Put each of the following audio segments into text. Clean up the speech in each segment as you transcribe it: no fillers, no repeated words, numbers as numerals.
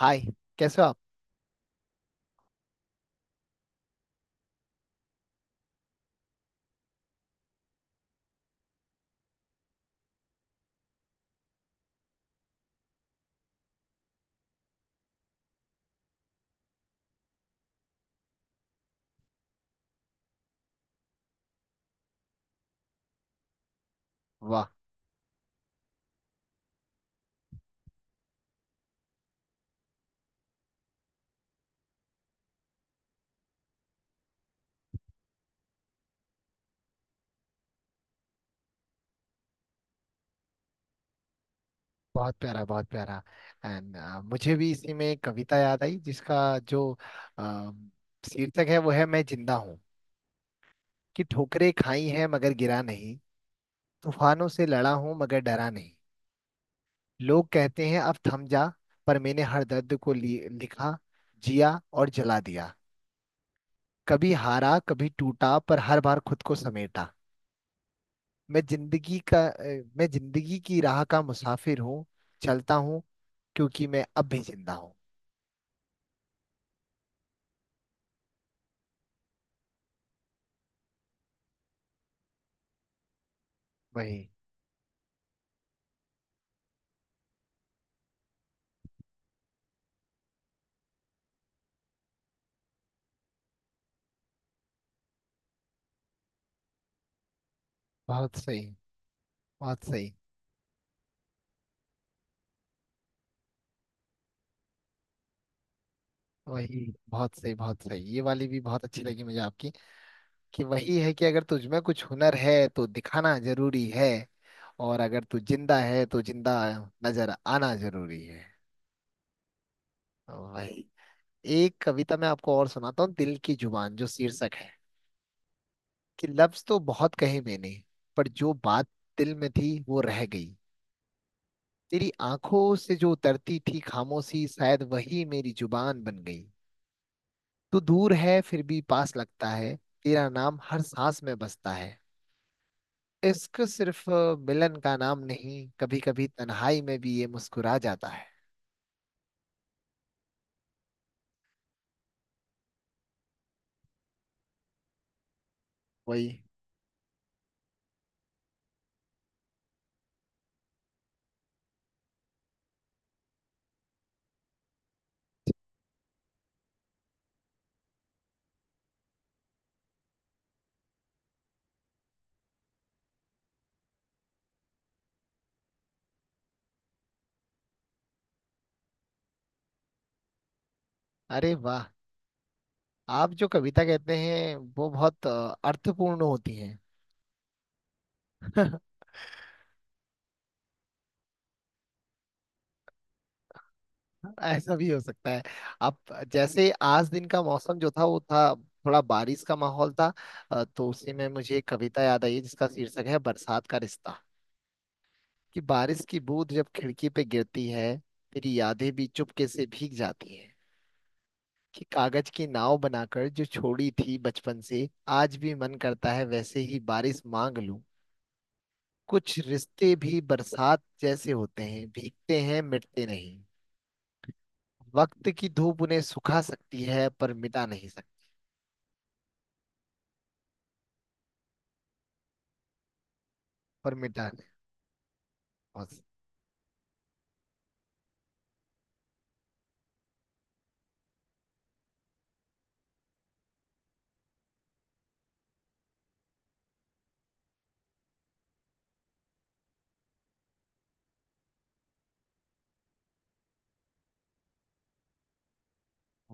हाय। कैसे हो आप। वाह, बहुत प्यारा बहुत प्यारा। एंड मुझे भी इसी में एक कविता याद आई जिसका जो अम, शीर्षक है वो है मैं जिंदा हूँ। कि ठोकरें खाई हैं मगर गिरा नहीं। तूफानों से लड़ा हूँ मगर डरा नहीं। लोग कहते हैं अब थम जा, पर मैंने हर दर्द को लिखा, जिया और जला दिया। कभी हारा कभी टूटा पर हर बार खुद को समेटा। मैं जिंदगी का मैं जिंदगी की राह का मुसाफिर हूँ। चलता हूँ क्योंकि मैं अब भी जिंदा हूँ। वही, बहुत सही बहुत सही। वही, बहुत सही बहुत सही। ये वाली भी बहुत अच्छी लगी मुझे आपकी। कि वही है कि अगर तुझमें कुछ हुनर है तो दिखाना जरूरी है, और अगर तू जिंदा है तो जिंदा नजर आना जरूरी है। वही। एक कविता मैं आपको और सुनाता हूँ, दिल की जुबान जो शीर्षक है। कि लफ्ज तो बहुत कहे मैंने, पर जो बात दिल में थी वो रह गई। तेरी आंखों से जो उतरती थी खामोशी, शायद वही मेरी जुबान बन गई। तू दूर है फिर भी पास लगता है। तेरा नाम हर सांस में बसता है। इश्क सिर्फ मिलन का नाम नहीं, कभी कभी तन्हाई में भी ये मुस्कुरा जाता है। वही। अरे वाह, आप जो कविता कहते हैं वो बहुत अर्थपूर्ण होती हैं। ऐसा भी हो सकता है। आप जैसे आज दिन का मौसम जो था वो था, थोड़ा बारिश का माहौल था। तो उसी में मुझे एक कविता याद आई जिसका शीर्षक है बरसात का रिश्ता। कि बारिश की बूंद जब खिड़की पे गिरती है, तेरी यादें भी चुपके से भीग जाती हैं। कि कागज की नाव बनाकर जो छोड़ी थी बचपन से, आज भी मन करता है वैसे ही बारिश मांग लूं। कुछ रिश्ते भी बरसात जैसे होते हैं, भीगते हैं मिटते नहीं। वक्त की धूप उन्हें सुखा सकती है पर मिटा नहीं सकती। पर मिटा नहीं। बस।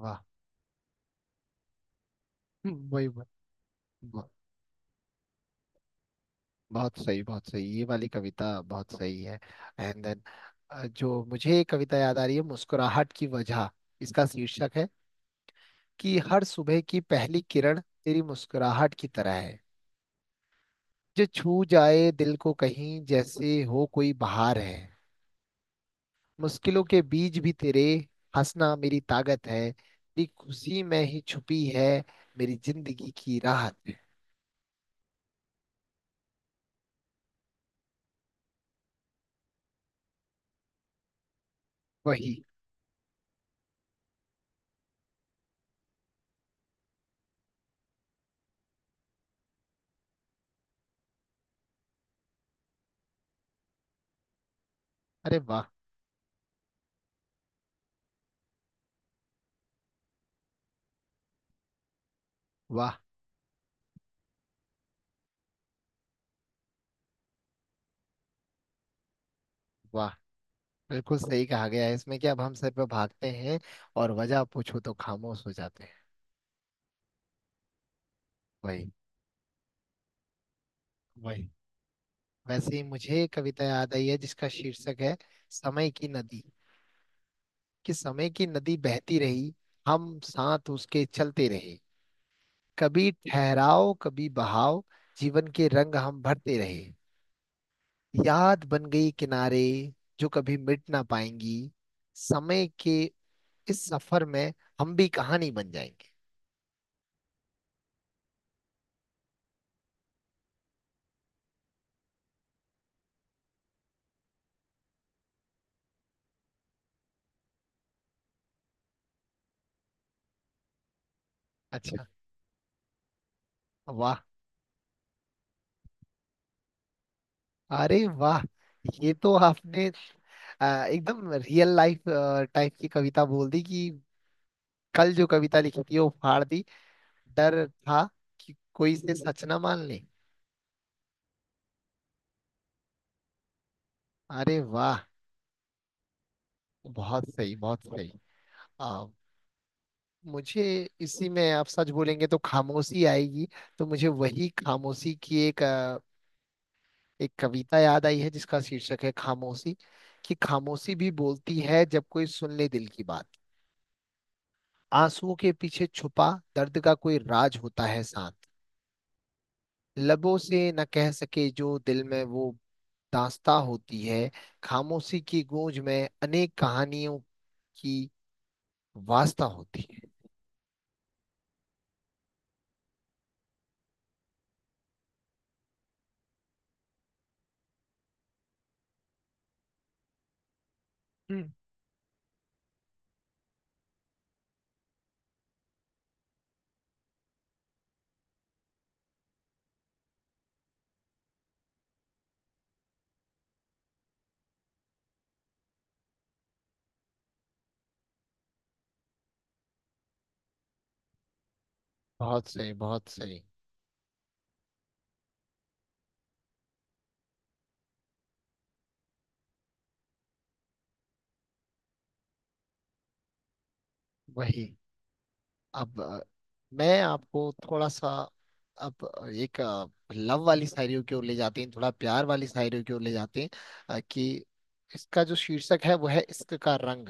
वाह। वही बात। वाह। बहुत सही बहुत सही, ये वाली कविता बहुत सही है। एंड देन जो मुझे एक कविता याद आ रही है, मुस्कुराहट की वजह इसका शीर्षक है। कि हर सुबह की पहली किरण तेरी मुस्कुराहट की तरह है, जो छू जाए दिल को कहीं जैसे हो कोई बहार है। मुश्किलों के बीच भी तेरे हंसना मेरी ताकत है, तेरी खुशी में ही छुपी है मेरी जिंदगी की राहत। वही। अरे वाह, वाह वाह। बिल्कुल सही कहा गया है इसमें कि अब हम सर पे भागते हैं, और वजह पूछो तो खामोश हो जाते हैं। वही। वही, वैसे ही मुझे एक कविता याद आई है जिसका शीर्षक है समय की नदी। कि समय की नदी बहती रही, हम साथ उसके चलते रहे। कभी ठहराव कभी बहाव, जीवन के रंग हम भरते रहे। याद बन गई किनारे, जो कभी मिट ना पाएंगी। समय के इस सफर में हम भी कहानी बन जाएंगे। अच्छा। वाह, अरे वाह, ये तो आपने एकदम रियल लाइफ टाइप की कविता बोल दी कि कल जो कविता लिखी थी वो फाड़ दी, डर था कि कोई से सच ना मान ले। अरे वाह, बहुत सही बहुत सही। आ, मुझे इसी में, आप सच बोलेंगे तो खामोशी आएगी। तो मुझे वही खामोशी की एक कविता याद आई है जिसका शीर्षक है खामोशी। कि खामोशी भी बोलती है जब कोई सुन ले दिल की बात। आंसुओं के पीछे छुपा दर्द का कोई राज होता है शांत। लबों से न कह सके जो दिल में वो दास्ता होती है। खामोशी की गूंज में अनेक कहानियों की वास्ता होती है। बहुत सही बहुत सही। वही। अब मैं आपको थोड़ा सा, अब एक लव वाली शायरियों की ओर ले जाते हैं, थोड़ा प्यार वाली शायरियों की ओर ले जाते हैं। कि इसका जो शीर्षक है वो है इश्क का रंग।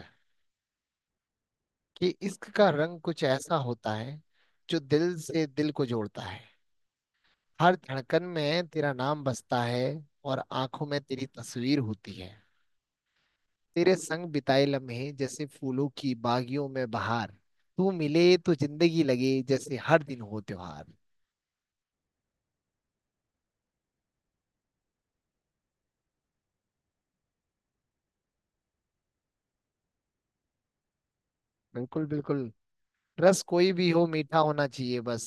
कि इश्क का रंग कुछ ऐसा होता है जो दिल से दिल को जोड़ता है। हर धड़कन में तेरा नाम बसता है, और आंखों में तेरी तस्वीर होती है। तेरे संग बिताए लम्हे जैसे फूलों की बागियों में बहार। तू मिले तो जिंदगी लगे जैसे हर दिन हो त्योहार। बिल्कुल बिल्कुल। रस कोई भी हो मीठा होना चाहिए बस।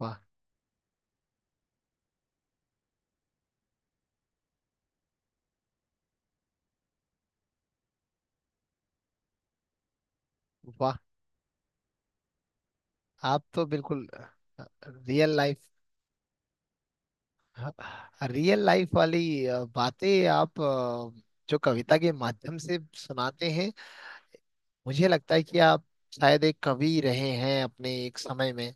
वाह वाह। आप तो बिल्कुल रियल लाइफ, रियल लाइफ वाली बातें आप जो कविता के माध्यम से सुनाते हैं। मुझे लगता है कि आप शायद एक कवि रहे हैं अपने एक समय में।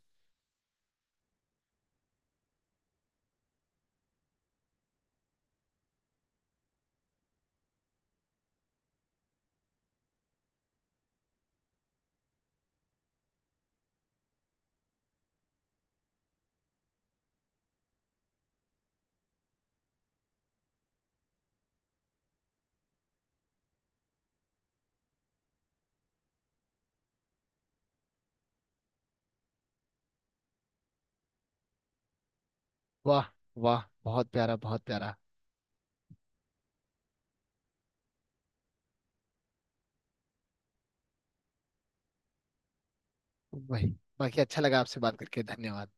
वाह वाह, बहुत प्यारा बहुत प्यारा। वही। बाकी अच्छा लगा आपसे बात करके, धन्यवाद।